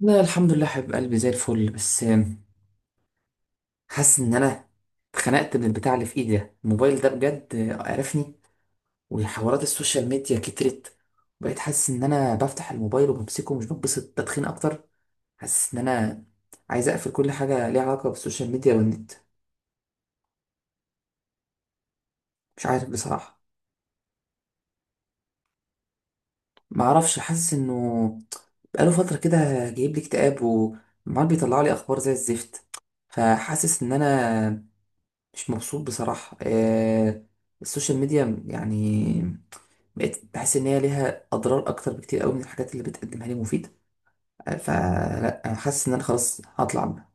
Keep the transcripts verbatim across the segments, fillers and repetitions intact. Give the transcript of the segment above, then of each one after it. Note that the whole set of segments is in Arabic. لا، الحمد لله، حبيب قلبي زي الفل. بس حاسس ان انا اتخنقت من البتاع اللي في ايدي ده. الموبايل ده بجد قرفني، وحوارات السوشيال ميديا كترت. بقيت حاسس ان انا بفتح الموبايل وبمسكه ومش بتبسط، تدخين اكتر. حاسس ان انا عايز اقفل كل حاجه ليها علاقه بالسوشيال ميديا والنت. مش عارف بصراحه، ما اعرفش. حاسس انه بقاله فتره كده جايب لي اكتئاب وعمال بيطلع لي اخبار زي الزفت، فحاسس ان انا مش مبسوط بصراحة. آه السوشيال ميديا يعني بقيت بحس ان هي ليها اضرار اكتر بكتير قوي من الحاجات اللي بتقدمها لي مفيدة. آه، فلا انا حاسس ان انا خلاص هطلع منها.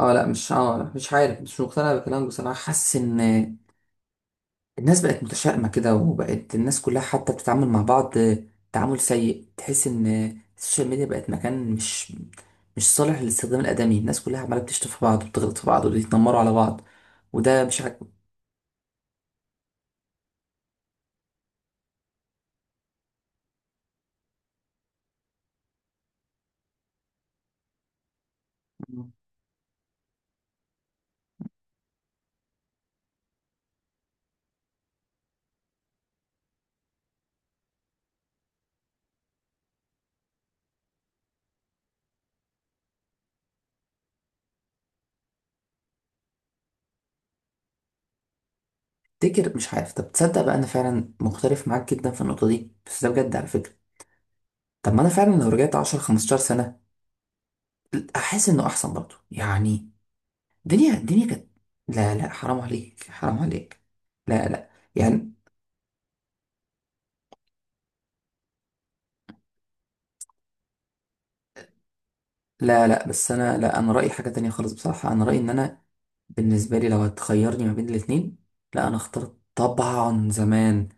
اه لا مش اه لا، مش عارف، مش مقتنع بكلامك بصراحة. حاسس ان الناس بقت متشائمة كده، وبقت الناس كلها حتى بتتعامل مع بعض تعامل سيء. تحس ان السوشيال ميديا بقت مكان مش مش صالح للاستخدام الآدمي. الناس كلها عمالة بتشتم في بعض وبتغلط في بعض وبيتنمروا على بعض، وده مش عاجبني. تفتكر؟ مش عارف. طب تصدق بقى انا فعلا مختلف معاك جدا في النقطه دي، بس ده بجد على فكره. طب ما انا فعلا لو رجعت عشرة خمستاشر سنه احس انه احسن برضه يعني. الدنيا الدنيا كانت، لا لا، حرام عليك، حرام عليك. لا لا يعني. لا لا، بس انا، لا، انا رايي حاجه تانية خالص بصراحه. انا رايي ان انا بالنسبه لي لو هتخيرني ما بين الاتنين، لا انا اخترت طبعا زمان.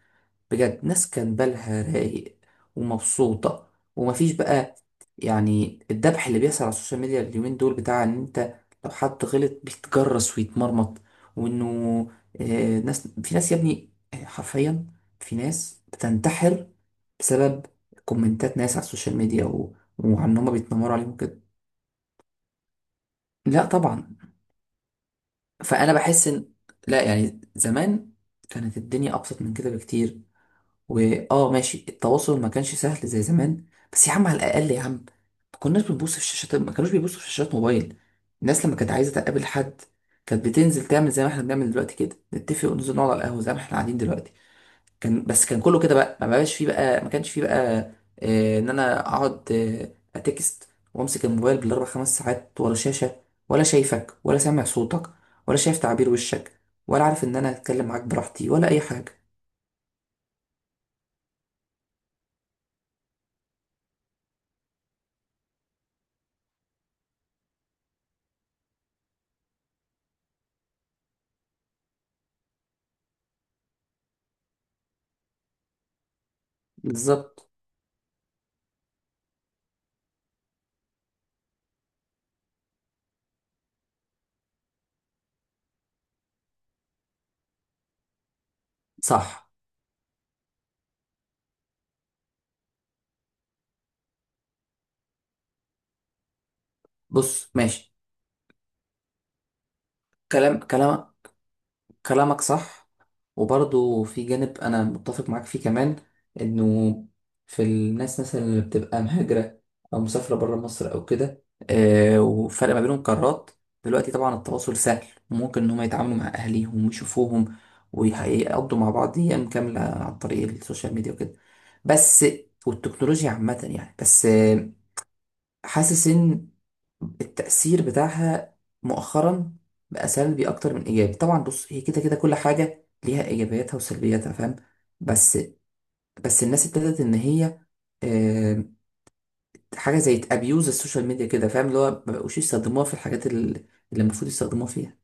بجد، ناس كان بالها رايق ومبسوطة، ومفيش بقى يعني الدبح اللي بيحصل على السوشيال ميديا اليومين دول، بتاع ان انت لو حد غلط بيتجرس ويتمرمط. وانه آه ناس في ناس، يا ابني، آه، حرفيا في ناس بتنتحر بسبب كومنتات ناس على السوشيال ميديا و... وعن ان هما بيتنمروا عليهم كده. لا طبعا. فانا بحس ان، لا يعني زمان كانت الدنيا ابسط من كده بكتير. واه ماشي، التواصل ما كانش سهل زي زمان، بس يا عم على الاقل يا عم ما كناش بنبص في الشاشات، ما كانوش بيبصوا في شاشات موبايل. الناس لما كانت عايزه تقابل حد، كانت بتنزل تعمل زي ما احنا بنعمل دلوقتي كده، نتفق وننزل نقعد على القهوه زي ما احنا قاعدين دلوقتي. كان بس، كان كله كده بقى، ما بقاش فيه بقى، ما كانش فيه بقى آه ان انا اقعد آه اتكست وامسك الموبايل بالاربع خمس ساعات ورا شاشه، ولا شايفك ولا سامع صوتك، ولا شايف تعابير وشك، ولا عارف ان انا اتكلم معاك براحتي ولا اي حاجه. بالظبط. صح. بص ماشي. كلام كلام، كلامك صح. وبرضه في جانب انا متفق معاك فيه كمان، انه في الناس مثلا اللي بتبقى مهاجرة او مسافرة بره مصر او كده. آه، وفرق ما بينهم قارات، دلوقتي طبعا التواصل سهل وممكن ان هم يتعاملوا مع اهاليهم ويشوفوهم، ويقضوا مع بعض ايام كاملة عن طريق السوشيال ميديا وكده. بس والتكنولوجيا عامة يعني، بس حاسس ان التأثير بتاعها مؤخرا بقى سلبي اكتر من ايجابي. طبعا بص، هي كده كده كل حاجة ليها ايجابياتها وسلبياتها، فاهم؟ بس بس الناس ابتدت ان هي، آه، حاجة زي تابيوز السوشيال ميديا كده، فاهم؟ اللي هو ما بقوش يستخدموها في الحاجات ال- اللي المفروض يستخدموها فيها.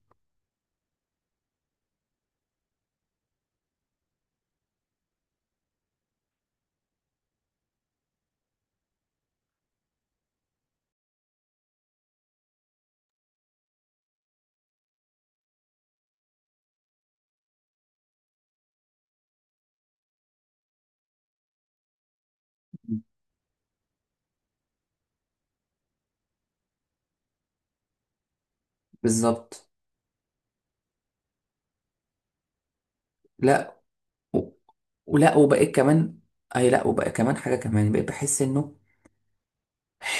بالظبط. لا و- ولا، وبقيت كمان، اي لا، وبقى كمان حاجة كمان، بقيت بحس انه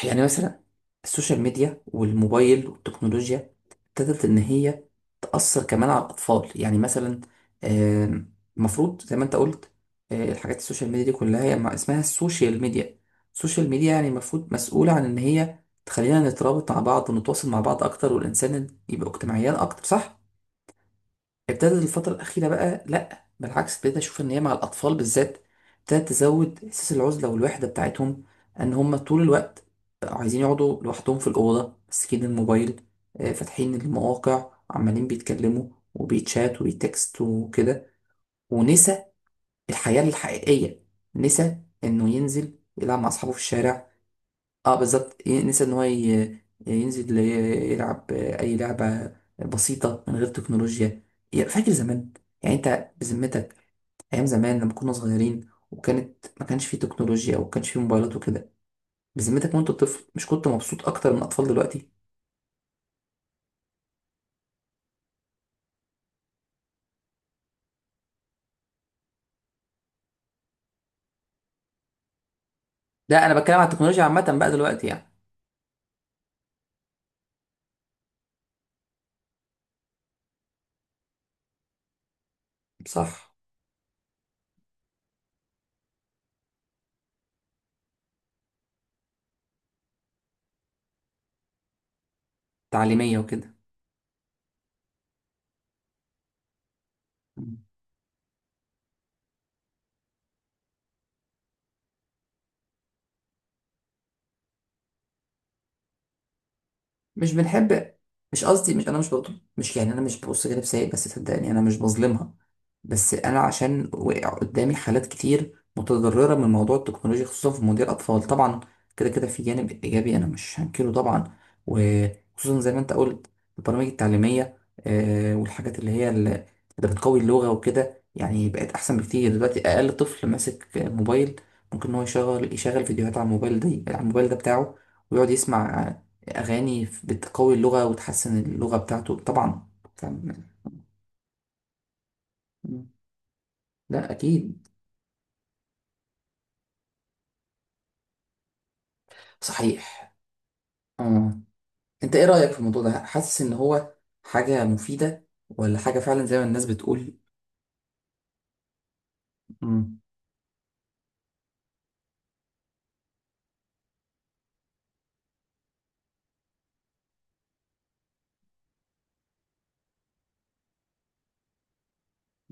يعني مثلا السوشيال ميديا والموبايل والتكنولوجيا ابتدت إن هي تأثر كمان على الأطفال. يعني مثلا آم، المفروض زي ما أنت قلت، آه، الحاجات السوشيال ميديا دي كلها هي مع- اسمها السوشيال ميديا. السوشيال ميديا يعني المفروض مسؤولة عن إن هي تخلينا نترابط مع بعض ونتواصل مع بعض أكتر، والإنسان يبقى اجتماعيا أكتر، صح؟ ابتدت الفترة الأخيرة بقى لأ، بالعكس، ابتديت أشوف إن هي مع الأطفال بالذات ابتدت تزود إحساس العزلة والوحدة بتاعتهم. إن هم طول الوقت بقوا عايزين يقعدوا لوحدهم في الأوضة ماسكين الموبايل، آه، فاتحين المواقع، عمالين بيتكلموا وبيتشات وبيتكست وكده. ونسى الحياة الحقيقية، نسى إنه ينزل يلعب مع أصحابه في الشارع. اه بالظبط، ي- نسى ان هو ي- ينزل ي- يلعب اي لعبه بسيطه من غير تكنولوجيا. يا- فاكر زمان؟ يعني انت بذمتك، ايام زمان لما كنا صغيرين وكانت، ما كانش فيه تكنولوجيا وما كانش فيه موبايلات وكده، بذمتك وانت طفل مش كنت مبسوط اكتر من اطفال دلوقتي؟ لا انا بتكلم على التكنولوجيا عامه بقى دلوقتي يعني. صح. تعليميه وكده. مش بنحب، مش قصدي، مش انا مش بطل، مش يعني انا مش ببص جانب سيء، بس صدقني انا مش بظلمها. بس انا عشان وقع قدامي حالات كتير متضرره من موضوع التكنولوجيا، خصوصا في مواضيع الاطفال طبعا. كده كده في جانب ايجابي، انا مش هنكره طبعا. وخصوصا زي ما انت قلت، البرامج التعليميه، آه، والحاجات اللي هي اللي اللي بتقوي اللغه وكده، يعني بقت احسن بكتير دلوقتي. اقل طفل ماسك موبايل ممكن ان هو يشغل يشغل فيديوهات على الموبايل ده، على الموبايل ده بتاعه، ويقعد يسمع أغاني بتقوي اللغة وتحسن اللغة بتاعته طبعا. فاهم؟ لا أكيد. صحيح. آه. أنت إيه رأيك في الموضوع ده؟ حاسس إن هو حاجة مفيدة، ولا حاجة فعلا زي ما الناس بتقول؟ مم.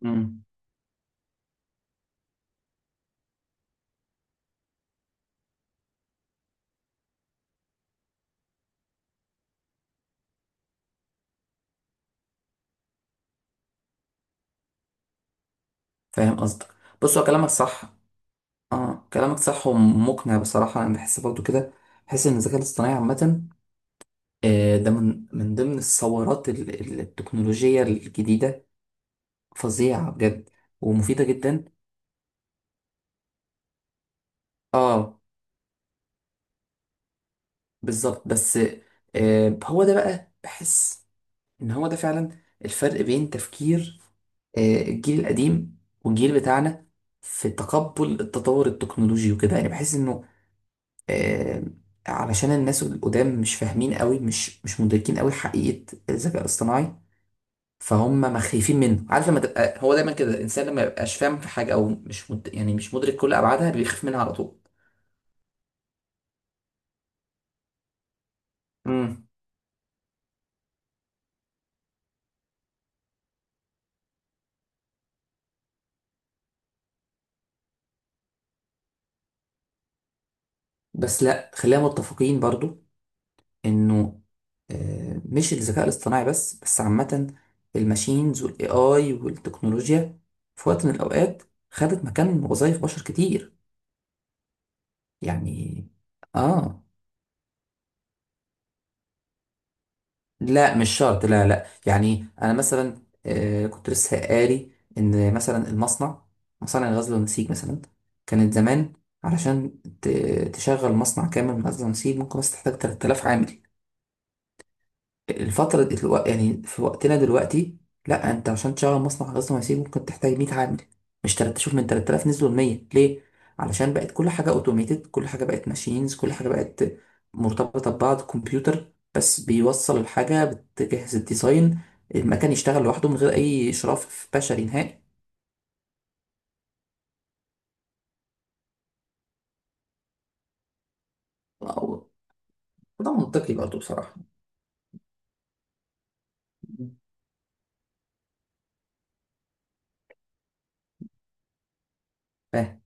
مم. فاهم قصدك. بص، هو كلامك صح. آه، كلامك صح ومقنع بصراحة، أنا بحس برضو كده. بحس إن الذكاء الاصطناعي عامة، آه، ده من من ضمن الثورات ال- ال- التكنولوجية الجديدة. فظيعة بجد، ومفيدة جدا. اه بالظبط. بس آه، هو ده بقى، بحس ان هو ده فعلا الفرق بين تفكير آه، الجيل القديم والجيل بتاعنا في تقبل التطور التكنولوجي وكده. يعني بحس انه آه، علشان الناس القدام مش فاهمين قوي، مش مش مدركين قوي حقيقة الذكاء الاصطناعي، فهم ما خايفين منه. عارف لما تبقى، هو دايما كده الانسان، لما يبقاش فاهم في حاجة او مش مد... يعني مش مدرك كل ابعادها، بيخاف منها على طول. امم بس لا، خلينا متفقين برضو انه آه، مش الذكاء الاصطناعي بس، بس عامة، الماشينز والاي اي والتكنولوجيا في وقت من الاوقات خدت مكان وظائف بشر كتير. يعني اه. لا مش شرط، لا لا، يعني انا مثلا آه كنت لسه قاري ان مثلا المصنع مصانع الغزل والنسيج مثلا كانت زمان علشان ت- تشغل مصنع كامل من غزل ونسيج ممكن بس تحتاج تلات الاف عامل. الفترة دي- الوق- يعني في وقتنا دلوقتي لا، انت عشان تشغل مصنع غزل ونسيج ممكن تحتاج مية عامل. مش تلات، شوف، من تلات الاف نزلوا ل مية، ليه؟ علشان بقت كل حاجة اوتوميتد، كل حاجة بقت ماشينز، كل حاجة بقت مرتبطة ببعض. كمبيوتر بس بيوصل الحاجة، بتجهز الديزاين، المكان يشتغل لوحده من غير أي إشراف بشري نهائي. أو- وده منطقي برضه بصراحة. فاهم.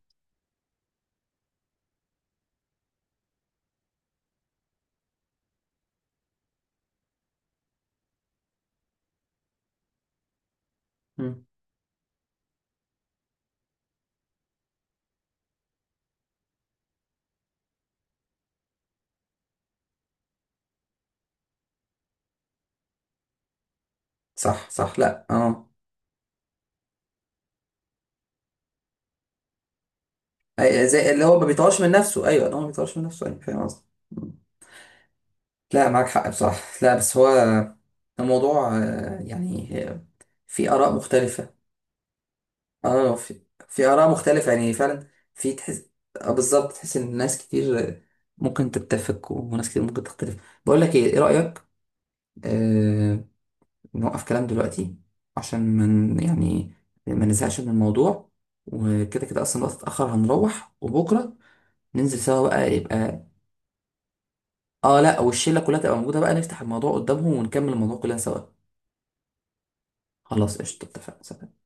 مم. صح صح. لا اه، أي- زي اللي هو ما بيطورش من نفسه. أيوه، اللي هو ما بيطورش من نفسه. أيوه، فاهم قصدي. لا معاك حق بصراحة. لا بس هو الموضوع آه، يعني آه، في آراء مختلفة. اه في, في آراء مختلفة يعني فعلا. في تحس آه، بالظبط، تحس إن ناس كتير آه، ممكن تتفق، وناس كتير ممكن تختلف. بقول لك إيه إيه رأيك؟ آه، نوقف كلام دلوقتي عشان من يعني ما نزهقش من الموضوع، وكده كده أصلا الوقت اتأخر هنروح. وبكرة ننزل سوا بقى، يبقى اه لا، والشلة كلها تبقى موجودة بقى، نفتح الموضوع قدامهم ونكمل الموضوع كلنا سوا. خلاص، قشطة، اتفقنا، سلام.